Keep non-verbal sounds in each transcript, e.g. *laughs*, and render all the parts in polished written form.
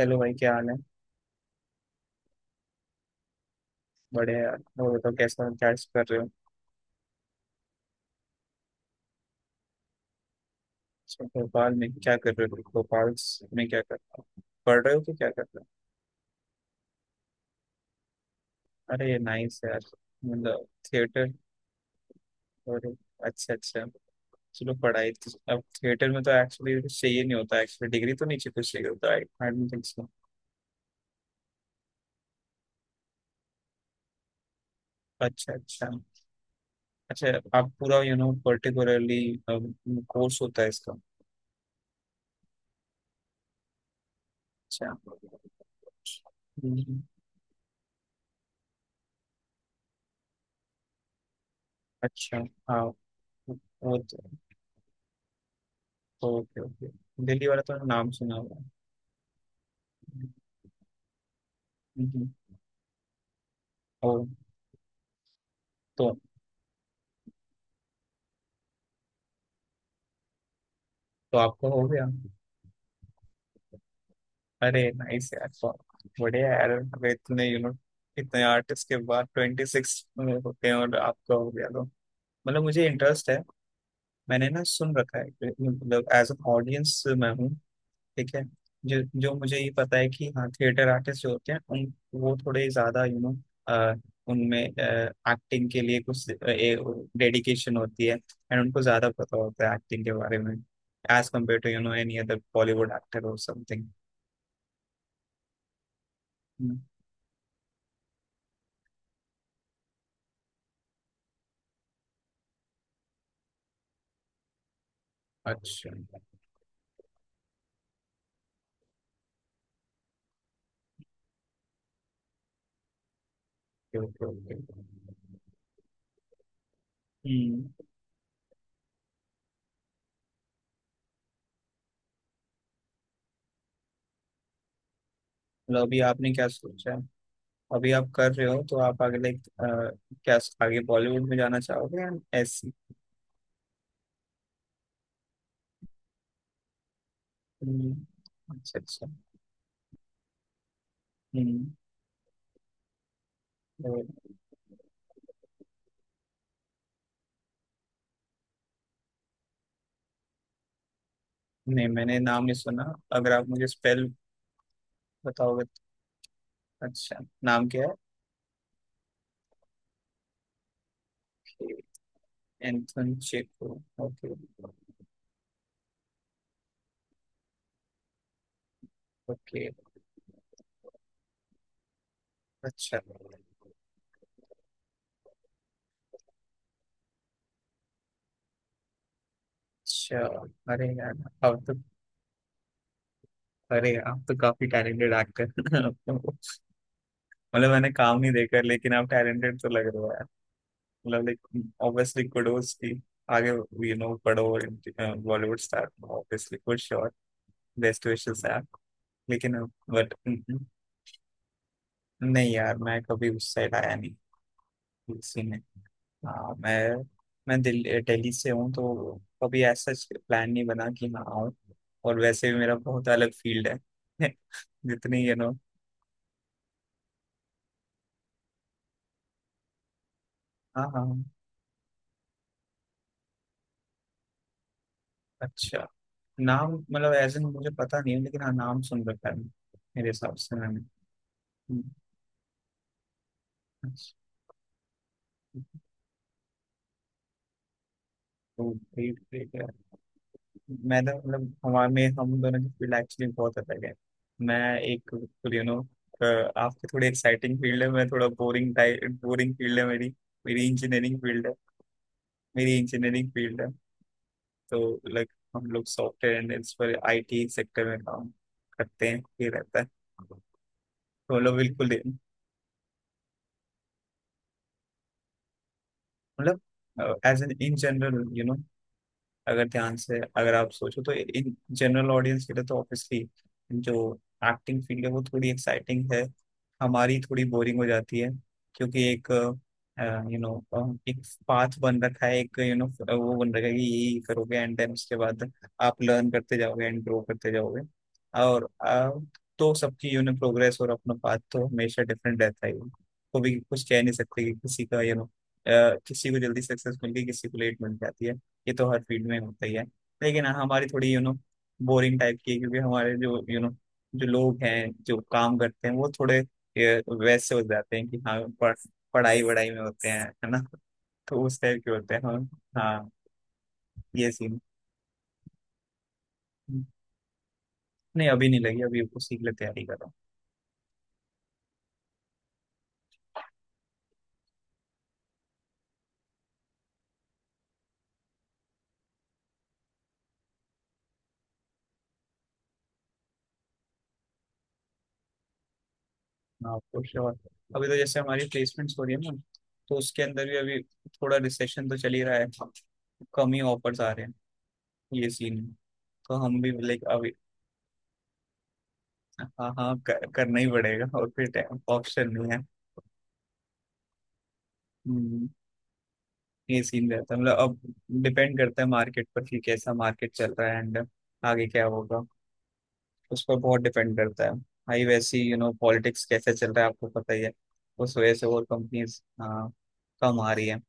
Hello भाई, क्या हाल है। बड़े यार। और बताओ कैसा हो? क्या कर रहे हो। अच्छा, भोपाल में क्या कर रहे हो में क्या कर रहे हो, पढ़ रहे हो कि क्या कर रहे हो। अरे नाइस यार। मतलब। थिएटर। और। अच्छा, अच्छा। चलो, अब थिएटर में तो एक्चुअली चाहिए नहीं होता, एक्चुअली डिग्री तो नीचे कुछ चाहिए होता। I I don't think so. अच्छा, अच्छा। अच्छा आप पूरा, यू नो, पर्टिकुलरली कोर्स होता है इसका। अच्छा। हम्म, अच्छा। हाँ वो तो। Okay, okay. दिल्ली वाला तो नाम सुना हुआ है। हम्म, ओ। तो तो आपको हो गया। अरे नाइस यार। तो बढ़िया यार, अगर इतने, यू नो, इतने आर्टिस्ट के बाद 26 होते हैं और आपका हो गया तो, मतलब, मुझे इंटरेस्ट है। मैंने ना सुन रखा है। मतलब एज एन ऑडियंस मैं हूँ। ठीक है। जो जो मुझे ये पता है कि हाँ थिएटर आर्टिस्ट जो होते हैं, उन वो थोड़े ज्यादा, यू नो, उनमें एक्टिंग के लिए कुछ डेडिकेशन होती है, एंड उनको ज्यादा पता होता है एक्टिंग के बारे में, as compare to, you know, any other Bollywood actor और समथिंग। अच्छा, ओके, ओके, ओके। हम्म। मतलब अभी आपने क्या सोचा है? अभी आप कर रहे हो तो आप आगे, लाइक, क्या आगे बॉलीवुड में जाना चाहोगे या ऐसी? हम्म, अच्छा, अच्छा। हम्म। तो। नहीं, मैंने नाम नहीं सुना। अगर आप मुझे स्पेल बताओगे तो अच्छा। नाम क्या है? एंथन चेको? Okay okay. अच्छा, अच्छा। अरे यार। अब तो। अरे, आप तो काफी टैलेंटेड एक्टर हैं। *laughs* मतलब मैंने काम नहीं देखा, लेकिन आप टैलेंटेड तो लग रहे हो यार। मतलब, लाइक, ऑब्वियसली कुडोस की। आगे, यू नो, पढ़ो। Bollywood star obviously for sure. Best wishes यार। लेकिन। बट। नहीं यार, मैं कभी उस साइड आया नहीं। हाँ, मैं दिल्ली दिल्ली से हूँ तो कभी ऐसा प्लान नहीं बना कि मैं आऊँ। और वैसे भी मेरा बहुत अलग फील्ड है। *laughs* जितनी, यू नो। हाँ, हाँ। अच्छा, नाम, मतलब, एज इन मुझे पता नहीं है, लेकिन हाँ नाम सुन रखा है मेरे हिसाब से मैंने। हम्म, अच्छा। तो ग्रेट ग्रेट है। मैं तो, मतलब, हमारे में हम दोनों की फील्ड एक्चुअली बहुत अलग है। मैं एक बिल्कुल, यू नो, आपके थोड़ी एक्साइटिंग फील्ड है, मैं थोड़ा बोरिंग टाइप, बोरिंग फील्ड है मेरी। मेरी इंजीनियरिंग फील्ड मेरी इंजीनियरिंग फील्ड है। तो, लाइक, हम लोग सॉफ्टवेयर एंड इस पर आईटी सेक्टर में काम करते हैं, ये रहता है। तो हम लोग बिल्कुल, मतलब, as an in general, you know, अगर ध्यान से, अगर आप सोचो तो इन जनरल ऑडियंस के लिए तो ऑब्वियसली जो एक्टिंग फील्ड है, वो थोड़ी एक्साइटिंग है। हमारी थोड़ी बोरिंग हो जाती है, क्योंकि एक, यू नो, एक पाथ बन रखा है, एक, यू नो, वो बन रखा है कि यही करोगे, एंड देन उसके बाद आप लर्न करते जाओगे एंड ग्रो करते जाओगे। और तो सबकी, यू नो, प्रोग्रेस और अपना पाथ तो हमेशा डिफरेंट रहता ही है। कभी कुछ कह नहीं सकते कि किसी का, यू नो, किसी को जल्दी सक्सेस मिल गई, किसी को लेट मिल जाती है। ये तो हर फील्ड में होता ही है। लेकिन हाँ, हमारी थोड़ी, यू नो, बोरिंग टाइप की है, क्योंकि हमारे जो, यू नो, जो लोग हैं जो काम करते हैं वो थोड़े ये, वैसे हो जाते हैं कि हाँ पढ़ाई वढ़ाई में होते हैं, है ना। तो उस टाइप के होते हैं हम। हाँ। ये सीन। नहीं, अभी नहीं लगी, अभी उसी के लिए तैयारी कर रहा हूँ। हाँ, तो श्योर। अभी तो जैसे हमारी प्लेसमेंट्स हो रही है ना, तो उसके अंदर भी अभी थोड़ा रिसेशन तो चल ही रहा है। कम ही ऑफर्स आ रहे हैं। ये सीन है। तो हम भी, लाइक, अभी। हाँ, हाँ, करना ही पड़ेगा और फिर ऑप्शन नहीं है। हम्म, ये सीन रहता है, मतलब, अब डिपेंड करता है मार्केट पर कि कैसा मार्केट चल रहा है, एंड आगे क्या होगा उस पर बहुत डिपेंड करता है। भाई वैसे ही, यू नो, पॉलिटिक्स कैसे चल रहा है आपको पता ही है। उस वजह से और कंपनीज, हाँ, कम आ रही है।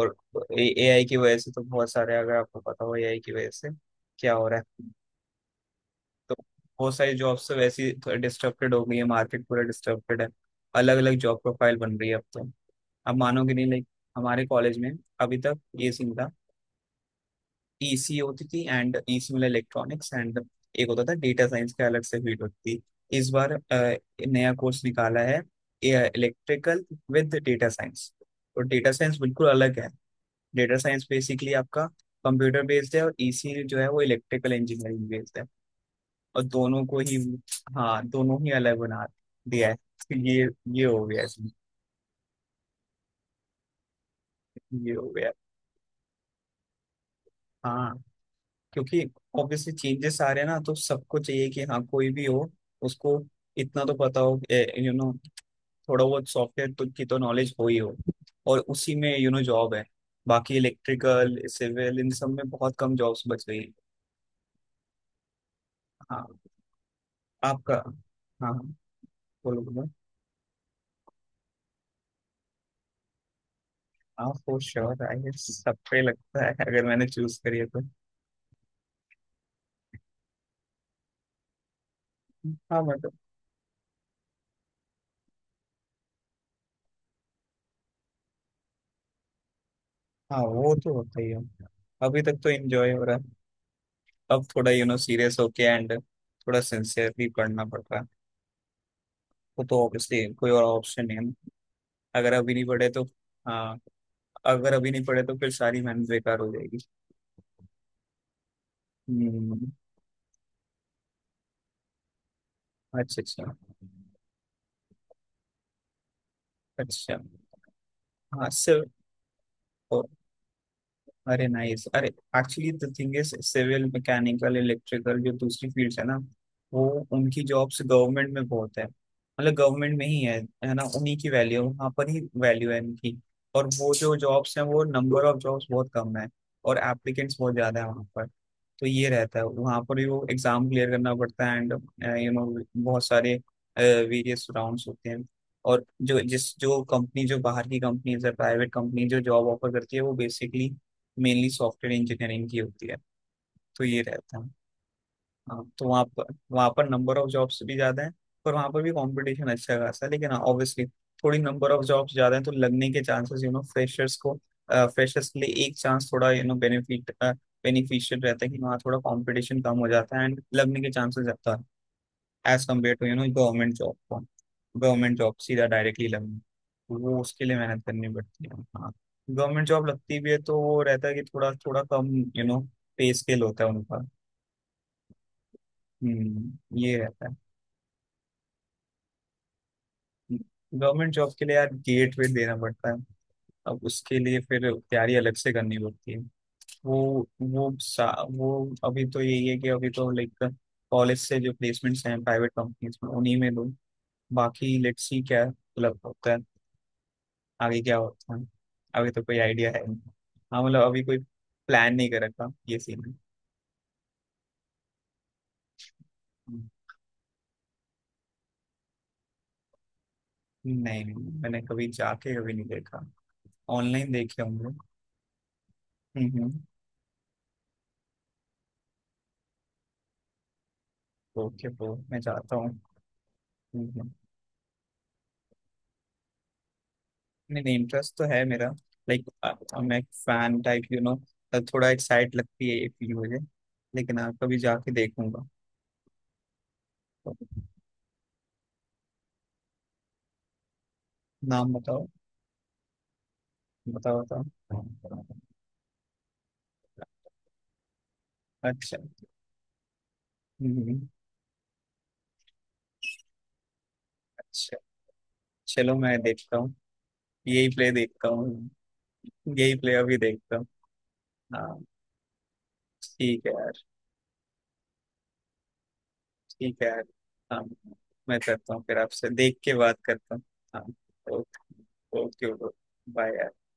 और AI की वजह से तो बहुत सारे, अगर आपको पता हो AI की वजह से क्या हो रहा है। तो बहुत सारी जॉब्स तो वैसे ही डिस्टर्बेड हो गई है, मार्केट पूरा डिस्टर्बेड है। अलग अलग जॉब प्रोफाइल बन रही है अब तो। अब मानोगे नहीं, लाइक, हमारे कॉलेज में अभी तक ये सीन था। EC होती थी, एंड EC मतलब इलेक्ट्रॉनिक्स, एंड एक होता था डेटा साइंस का, अलग से फील्ड होती थी। इस बार नया कोर्स निकाला है, इलेक्ट्रिकल विद डेटा साइंस। तो डेटा साइंस बिल्कुल अलग है, डेटा साइंस बेसिकली आपका कंप्यूटर बेस्ड है, और EC जो है वो इलेक्ट्रिकल इंजीनियरिंग बेस्ड है। और दोनों को ही, हाँ, दोनों ही अलग बना दिया है। तो ये हो गया इसमें, ये हो गया। हाँ, क्योंकि ऑब्वियसली चेंजेस आ रहे हैं ना, तो सबको चाहिए कि हाँ, कोई भी हो उसको इतना तो पता हो, यू नो, थोड़ा बहुत सॉफ्टवेयर तो की तो नॉलेज हो ही हो, और उसी में, यू नो, जॉब है। बाकी इलेक्ट्रिकल, सिविल, इन सब में बहुत कम जॉब्स बच गई। हाँ। आपका। हाँ, हाँ, बोलो, बोलो। आप फॉर श्योर, आई सब पे लगता है अगर मैंने चूज करी है तो। हाँ, मतलब। हाँ वो तो होता ही है, अभी तक तो एंजॉय हो रहा है। अब थोड़ा, यू नो, सीरियस होके, एंड थोड़ा सिंसियरली पढ़ना पड़ रहा है। वो तो ऑब्वियसली कोई और ऑप्शन नहीं है ना। अगर अभी नहीं पढ़े तो। हाँ। अगर अभी नहीं पढ़े तो फिर सारी मेहनत बेकार हो जाएगी। हम्म। अच्छा, अच्छा, अच्छा। हाँ सिर्फ। अरे नाइस, अरे actually the thing is civil, mechanical, electrical, जो दूसरी फील्ड्स है ना, वो उनकी जॉब्स गवर्नमेंट में बहुत है, मतलब गवर्नमेंट में ही है। है ना, उन्हीं की वैल्यू वहाँ पर ही, वैल्यू है इनकी। और वो जो जॉब्स हैं, वो नंबर ऑफ जॉब्स बहुत कम है, और एप्लीकेंट्स बहुत ज्यादा है वहाँ पर। तो ये रहता है, वहाँ पर भी वो एग्जाम क्लियर करना पड़ता है, एंड, यू नो, बहुत सारे वेरियस राउंड्स होते हैं। और जो कंपनी, जो बाहर की कंपनीज है, प्राइवेट कंपनी जो जॉब ऑफर करती है वो बेसिकली मेनली सॉफ्टवेयर इंजीनियरिंग की होती है। तो ये रहता है। हाँ, तो वहाँ पर नंबर ऑफ जॉब्स भी ज्यादा है। पर वहाँ पर भी कंपटीशन अच्छा खासा है, लेकिन ऑब्वियसली थोड़ी नंबर ऑफ जॉब्स ज्यादा है तो लगने के चांसेस, यू नो, फ्रेशर्स को, फ्रेशर्स के लिए एक चांस थोड़ा, यू नो, बेनिफिट बेनिफिशियल रहता है कि वहाँ थोड़ा कंपटीशन कम हो जाता है, एंड लगने के चांसेस ज्यादा है, as compare to, you know, government job को। गवर्नमेंट जॉब सीधा डायरेक्टली लगनी, तो वो उसके लिए मेहनत करनी पड़ती है, हाँ। गवर्नमेंट जॉब लगती भी है तो वो रहता है कि थोड़ा, थोड़ा कम, यू नो, पे स्केल होता है उनका। हम्म, ये रहता है। गवर्नमेंट जॉब के लिए यार गेट वेट देना पड़ता है। अब उसके लिए फिर तैयारी अलग से करनी पड़ती है। वो अभी तो यही है कि अभी तो, लाइक, कॉलेज से जो प्लेसमेंट्स हैं प्राइवेट कंपनीज में, उन्हीं में दो। बाकी लेट्स सी क्या मतलब होता है, आगे क्या होता है। अभी तो कोई आइडिया है नहीं। हाँ, मतलब, अभी कोई प्लान नहीं कर रखा, ये सीन है। हम्म। नहीं, नहीं, मैंने कभी जाके कभी नहीं देखा। ऑनलाइन देखे होंगे। हम्म। ओके ब्रो, मैं जाता हूँ। हम्म, हम्म। नहीं, नहीं, इंटरेस्ट तो है मेरा, लाइक, मैं फैन टाइप, यू नो, थोड़ा एक्साइट लगती है ये फील मुझे। लेकिन आप, कभी जाके देखूंगा तो नाम बताओ। बताओ, बताओ। अच्छा। हम्म, अच्छा। चलो, मैं देखता हूँ। यही प्ले देखता हूँ। यही प्ले अभी देखता हूँ। हाँ। ठीक है यार। ठीक है यार। हाँ, मैं करता हूँ, फिर आपसे देख के बात करता हूँ। हाँ। Okay, okay, okay. बाय यार।